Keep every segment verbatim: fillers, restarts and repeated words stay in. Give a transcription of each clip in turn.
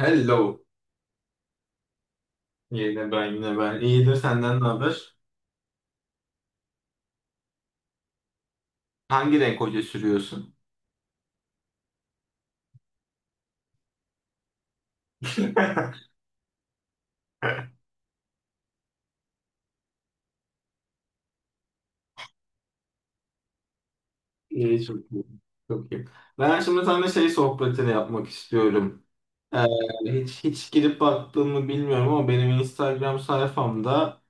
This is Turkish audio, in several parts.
Hello. Yine ben yine ben. İyidir, senden ne haber? Hangi renk hoca sürüyorsun? İyi, çok iyi. Çok iyi. Ben şimdi sana şey sohbetini yapmak istiyorum. Ee, hiç hiç girip baktığımı bilmiyorum ama benim Instagram sayfamda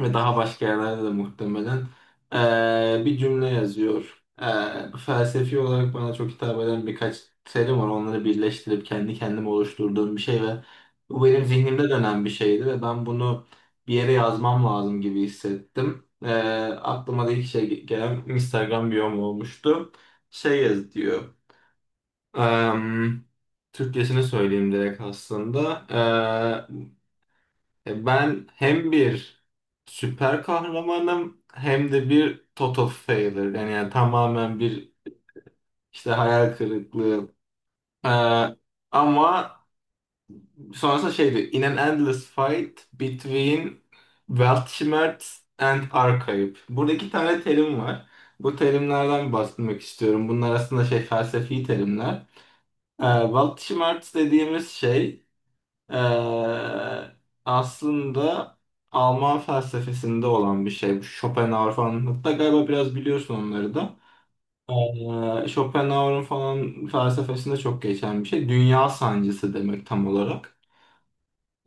ve daha başka yerlerde de muhtemelen eee, bir cümle yazıyor. Eee, felsefi olarak bana çok hitap eden birkaç terim var. Onları birleştirip kendi kendime oluşturduğum bir şey ve bu benim zihnimde dönen bir şeydi ve ben bunu bir yere yazmam lazım gibi hissettim. Eee, aklıma da ilk şey gelen Instagram biyom olmuştu. Şey yaz diyor. Eee Türkçesini söyleyeyim direkt aslında. E, Ben hem bir süper kahramanım hem de bir total failure. Yani, yani tamamen bir işte hayal kırıklığı. E, Ama sonrasında şeydi. In an endless fight between Weltschmerz and Archetype. Burada iki tane terim var. Bu terimlerden bahsetmek istiyorum. Bunlar aslında şey felsefi terimler. E, Weltschmerz dediğimiz şey Ee, aslında Alman felsefesinde olan bir şey. Bu Schopenhauer falan. Hatta galiba biraz biliyorsun onları da. Ee, Schopenhauer'un falan felsefesinde çok geçen bir şey. Dünya sancısı demek tam olarak.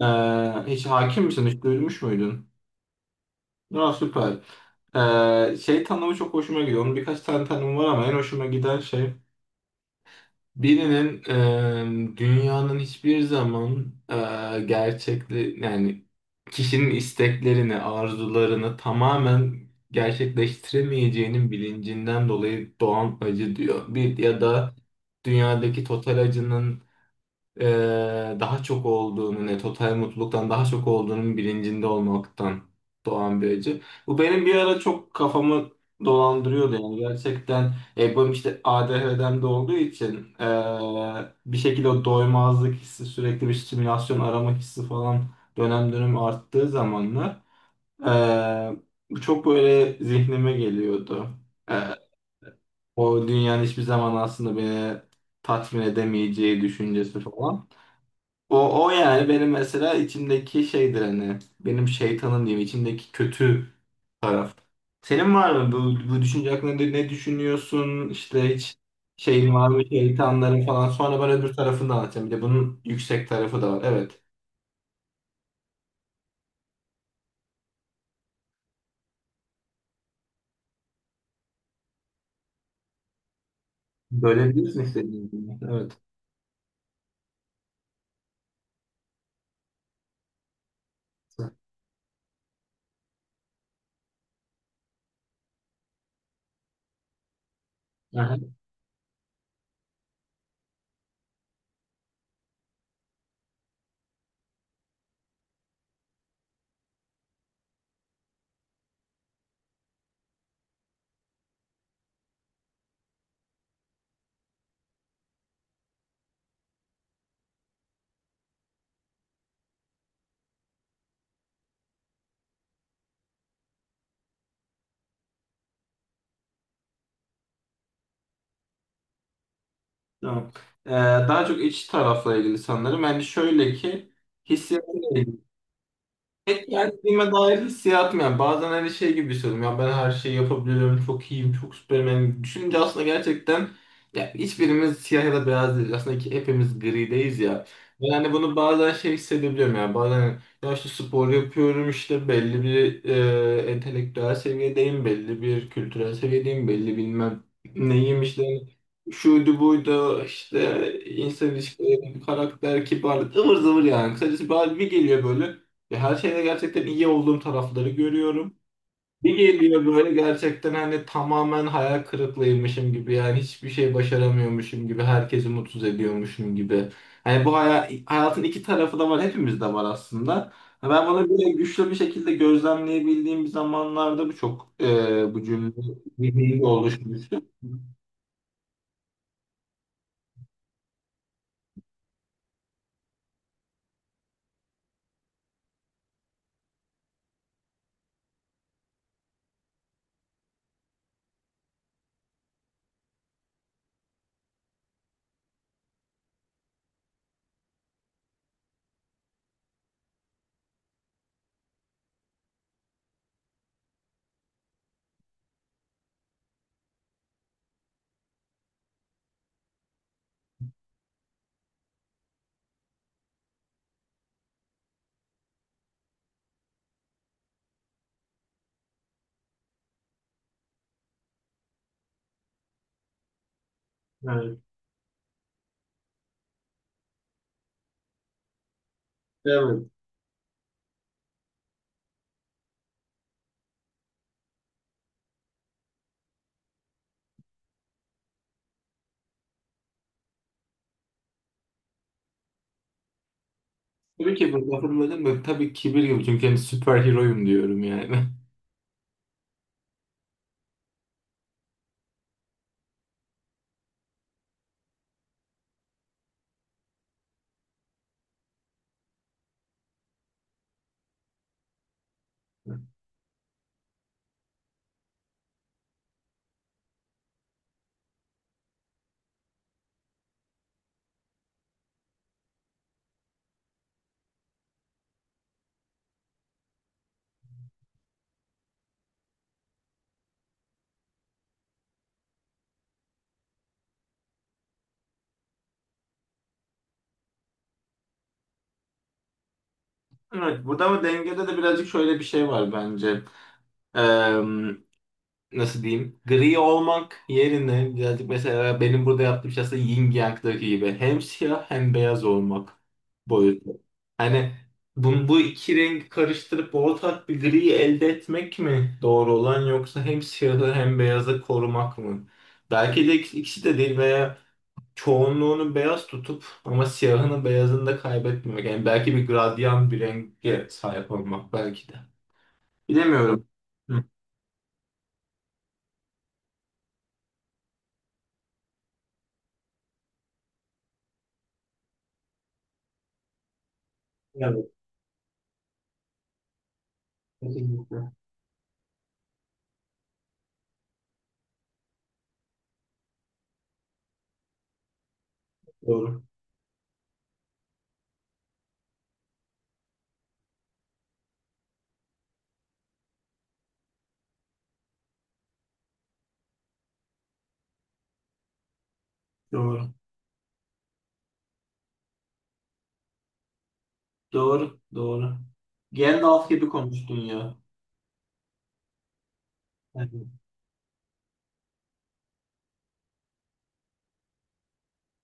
Ee, Hiç hakim misin? Hiç duymuş muydun? Aa, süper. Ee, şey tanımı çok hoşuma gidiyor. Onun birkaç tane tanımı var ama en hoşuma giden şey birinin e, dünyanın hiçbir zaman e, gerçekli yani kişinin isteklerini, arzularını tamamen gerçekleştiremeyeceğinin bilincinden dolayı doğan acı diyor. Bir ya da dünyadaki total acının e, daha çok olduğunu, ne total mutluluktan daha çok olduğunun bilincinde olmaktan doğan bir acı. Bu benim bir ara çok kafamı dolandırıyordu yani gerçekten e, benim işte A D H D'm de olduğu için e, bir şekilde o doymazlık hissi, sürekli bir stimülasyon arama hissi falan dönem dönem arttığı zamanlar e, bu çok böyle zihnime geliyordu. E, O dünyanın hiçbir zaman aslında beni tatmin edemeyeceği düşüncesi falan. O, o yani benim mesela içimdeki şeydir hani, benim şeytanım diyeyim, içimdeki kötü taraf. Senin var mı bu, bu düşünce hakkında ne ne düşünüyorsun işte, hiç şeyin var mı şeytanların falan? Sonra ben öbür tarafını da anlatacağım, bir de bunun yüksek tarafı da var evet. Böyle bilirsin istediğin gibi. Evet. Aha, tamam. Ee, daha çok iç tarafla ilgili sanırım. Yani şöyle ki hissiyatla ilgili. Pek kendime dair hissiyatım yani. Bazen hani şey gibi hissediyorum. Ya ben her şeyi yapabiliyorum. Çok iyiyim. Çok süperim. Yani düşününce aslında gerçekten ya hiçbirimiz siyah ya da beyaz değiliz. Aslında ki hepimiz grideyiz ya. Ben hani bunu bazen şey hissedebiliyorum yani. Bazen hani, ya işte spor yapıyorum, işte belli bir e, entelektüel seviyedeyim. Belli bir kültürel seviyedeyim. Belli bilmem neyim işte. Şuydu buydu işte, insan ilişkileri, karakter, kibarlık ıvır zıvır yani. Kısacası bir bir geliyor böyle. Ve her şeyde gerçekten iyi olduğum tarafları görüyorum. Bir geliyor böyle gerçekten hani tamamen hayal kırıklığıymışım gibi yani hiçbir şey başaramıyormuşum gibi, herkesi mutsuz ediyormuşum gibi. Hani bu haya- hayatın iki tarafı da var, hepimizde var aslında. Ha, ben bunu böyle güçlü bir şekilde gözlemleyebildiğim bir zamanlarda bu çok e, bu cümle zihnimde oluşmuştu. Evet. Evet. Tabii ki bu lafın böyle tabii kibir gibi, çünkü hani süper heroyum diyorum yani. Evet, burada ama dengede de birazcık şöyle bir şey var bence. Eee, Nasıl diyeyim? Gri olmak yerine birazcık mesela benim burada yaptığım şey aslında yin yang'daki gibi. Hem siyah hem beyaz olmak boyutu. Hani bu, bu iki rengi karıştırıp ortak bir griyi elde etmek mi doğru olan, yoksa hem siyahı hem beyazı korumak mı? Belki de ik- ikisi de değil veya çoğunluğunu beyaz tutup ama siyahını beyazını da kaybetmemek. Yani belki bir gradyan bir renge sahip olmak belki de. Bilemiyorum. Hı. Evet, kesinlikle. Doğru, doğru, doğru, doğru. Gandalf gibi konuştun ya. Evet.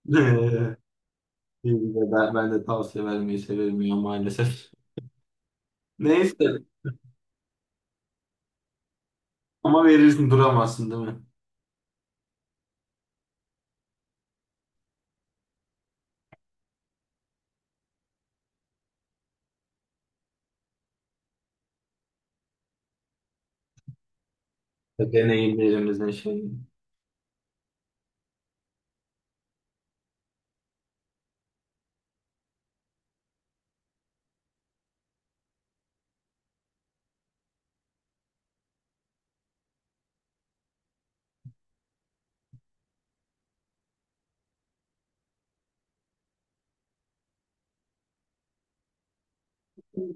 Ben, ben de tavsiye vermeyi severim ya maalesef. Neyse ama verirsin, duramazsın değil mi? Deneyimlerimizin şeyi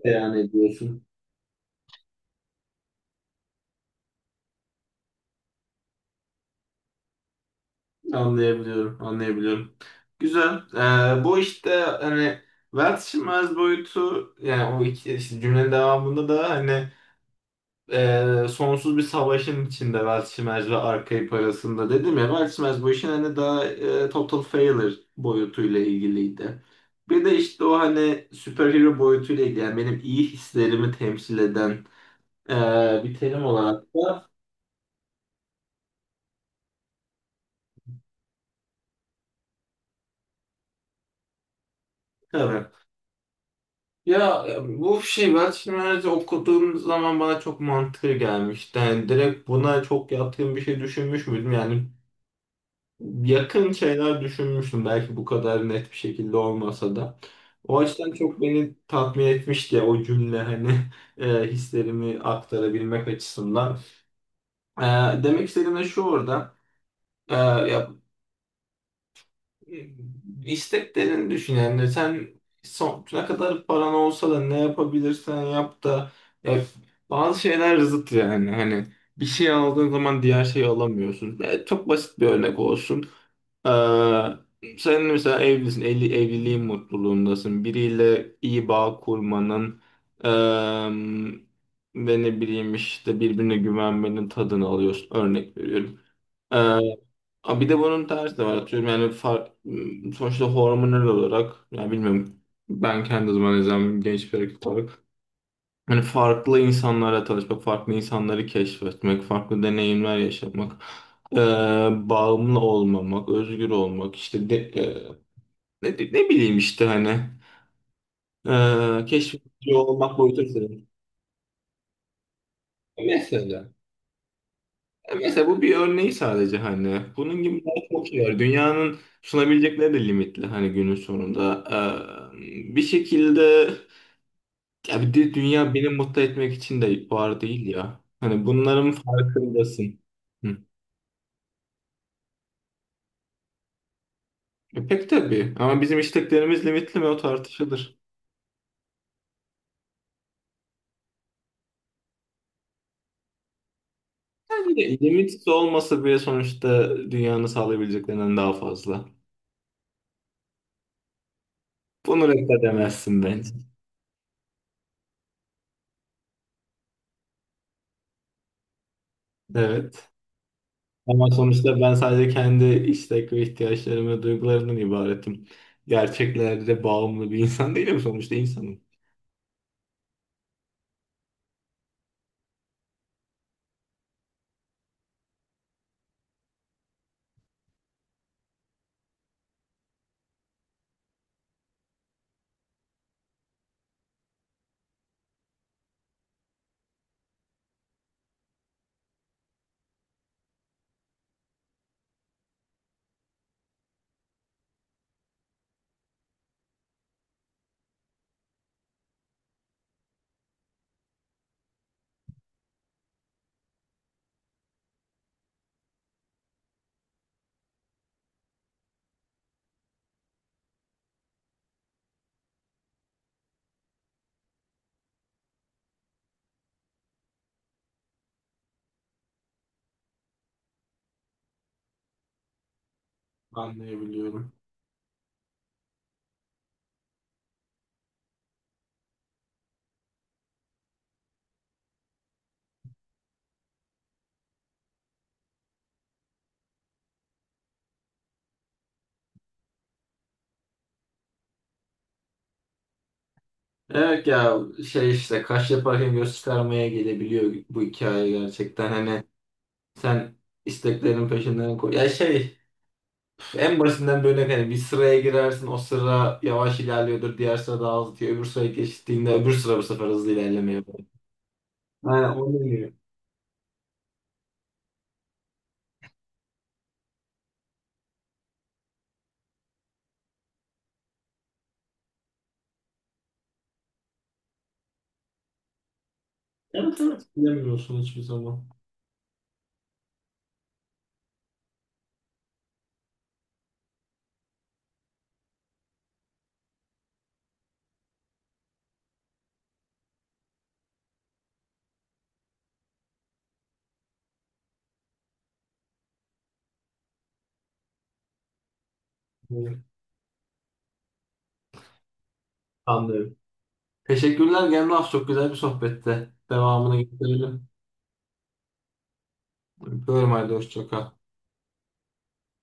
beyan ediyorsun. Anlayabiliyorum, anlayabiliyorum. Güzel. Ee, bu işte hani vazgeçilmez boyutu yani o iki işte cümlenin devamında da hani e, sonsuz bir savaşın içinde vazgeçilmez ve Arkaip arasında dedim ya, vazgeçilmez bu işin hani daha e, total failure boyutuyla ilgiliydi. Bir de işte o hani superhero boyutuyla ilgili yani benim iyi hislerimi temsil eden e, bir terim olarak da tabii. Ya e, bu şey ben şimdi okuduğum zaman bana çok mantıklı gelmişti. Yani direkt buna çok yatkın bir şey düşünmüş müydüm? Yani yakın şeyler düşünmüştüm. Belki bu kadar net bir şekilde olmasa da. O açıdan çok beni tatmin etmişti ya o cümle hani e, hislerimi aktarabilmek açısından. E, Demek istediğim de şu orada. E, ya isteklerini düşün yani sen sonuna kadar paran olsa da ne yapabilirsen yap da, ya bazı şeyler zıt yani hani bir şey aldığın zaman diğer şeyi alamıyorsun. Ya çok basit bir örnek olsun. Ee, Sen mesela evlisin, evli, evliliğin mutluluğundasın. Biriyle iyi bağ kurmanın eee ve ne bileyim işte birbirine güvenmenin tadını alıyorsun. Örnek veriyorum. Ee, Ama bir de bunun tersi de var. Atıyorum yani far, m, sonuçta hormonal olarak yani bilmiyorum, ben kendi zaman izlem genç bir erkek olarak hani farklı insanlarla tanışmak, farklı insanları keşfetmek, farklı deneyimler yaşamak, ee, bağımlı olmamak, özgür olmak işte de- e, ne, ne bileyim işte hani ee, keşfedici olmak boyutu. Mesela. Ya mesela bu bir örneği sadece hani. Bunun gibi daha çok şey var. Dünyanın sunabilecekleri de limitli hani günün sonunda. Ee, bir şekilde ya bir de dünya beni mutlu etmek için de var değil ya. Hani bunların farkındasın. Hı. E pek tabii ama bizim isteklerimiz limitli mi, o tartışılır. Yani de limitsiz olmasa bile sonuçta dünyanın sağlayabileceklerinden daha fazla. Bunu reddedemezsin bence. Evet. Ama sonuçta ben sadece kendi istek ve ihtiyaçlarım ve duygularımdan ibaretim. Gerçeklerde bağımlı bir insan değilim, sonuçta insanım. Anlayabiliyorum. Evet ya, şey işte kaş yaparken göz çıkarmaya gelebiliyor bu hikaye gerçekten. Hani sen isteklerin peşinden koy. Ya şey en basitinden bir örnek, hani bir sıraya girersin, o sıra yavaş ilerliyordur, diğer sıra daha hızlı diyor. Öbür sıraya geçtiğinde öbür sıra bu sefer hızlı ilerlemeye başlıyor. Yani onu diyor. Evet, evet, bilemiyorsun hiçbir zaman. Evet. Anlıyorum. Teşekkürler Gemraf. Çok güzel bir sohbette. Devamını getirelim. Öpüyorum halde. Hoşça kal.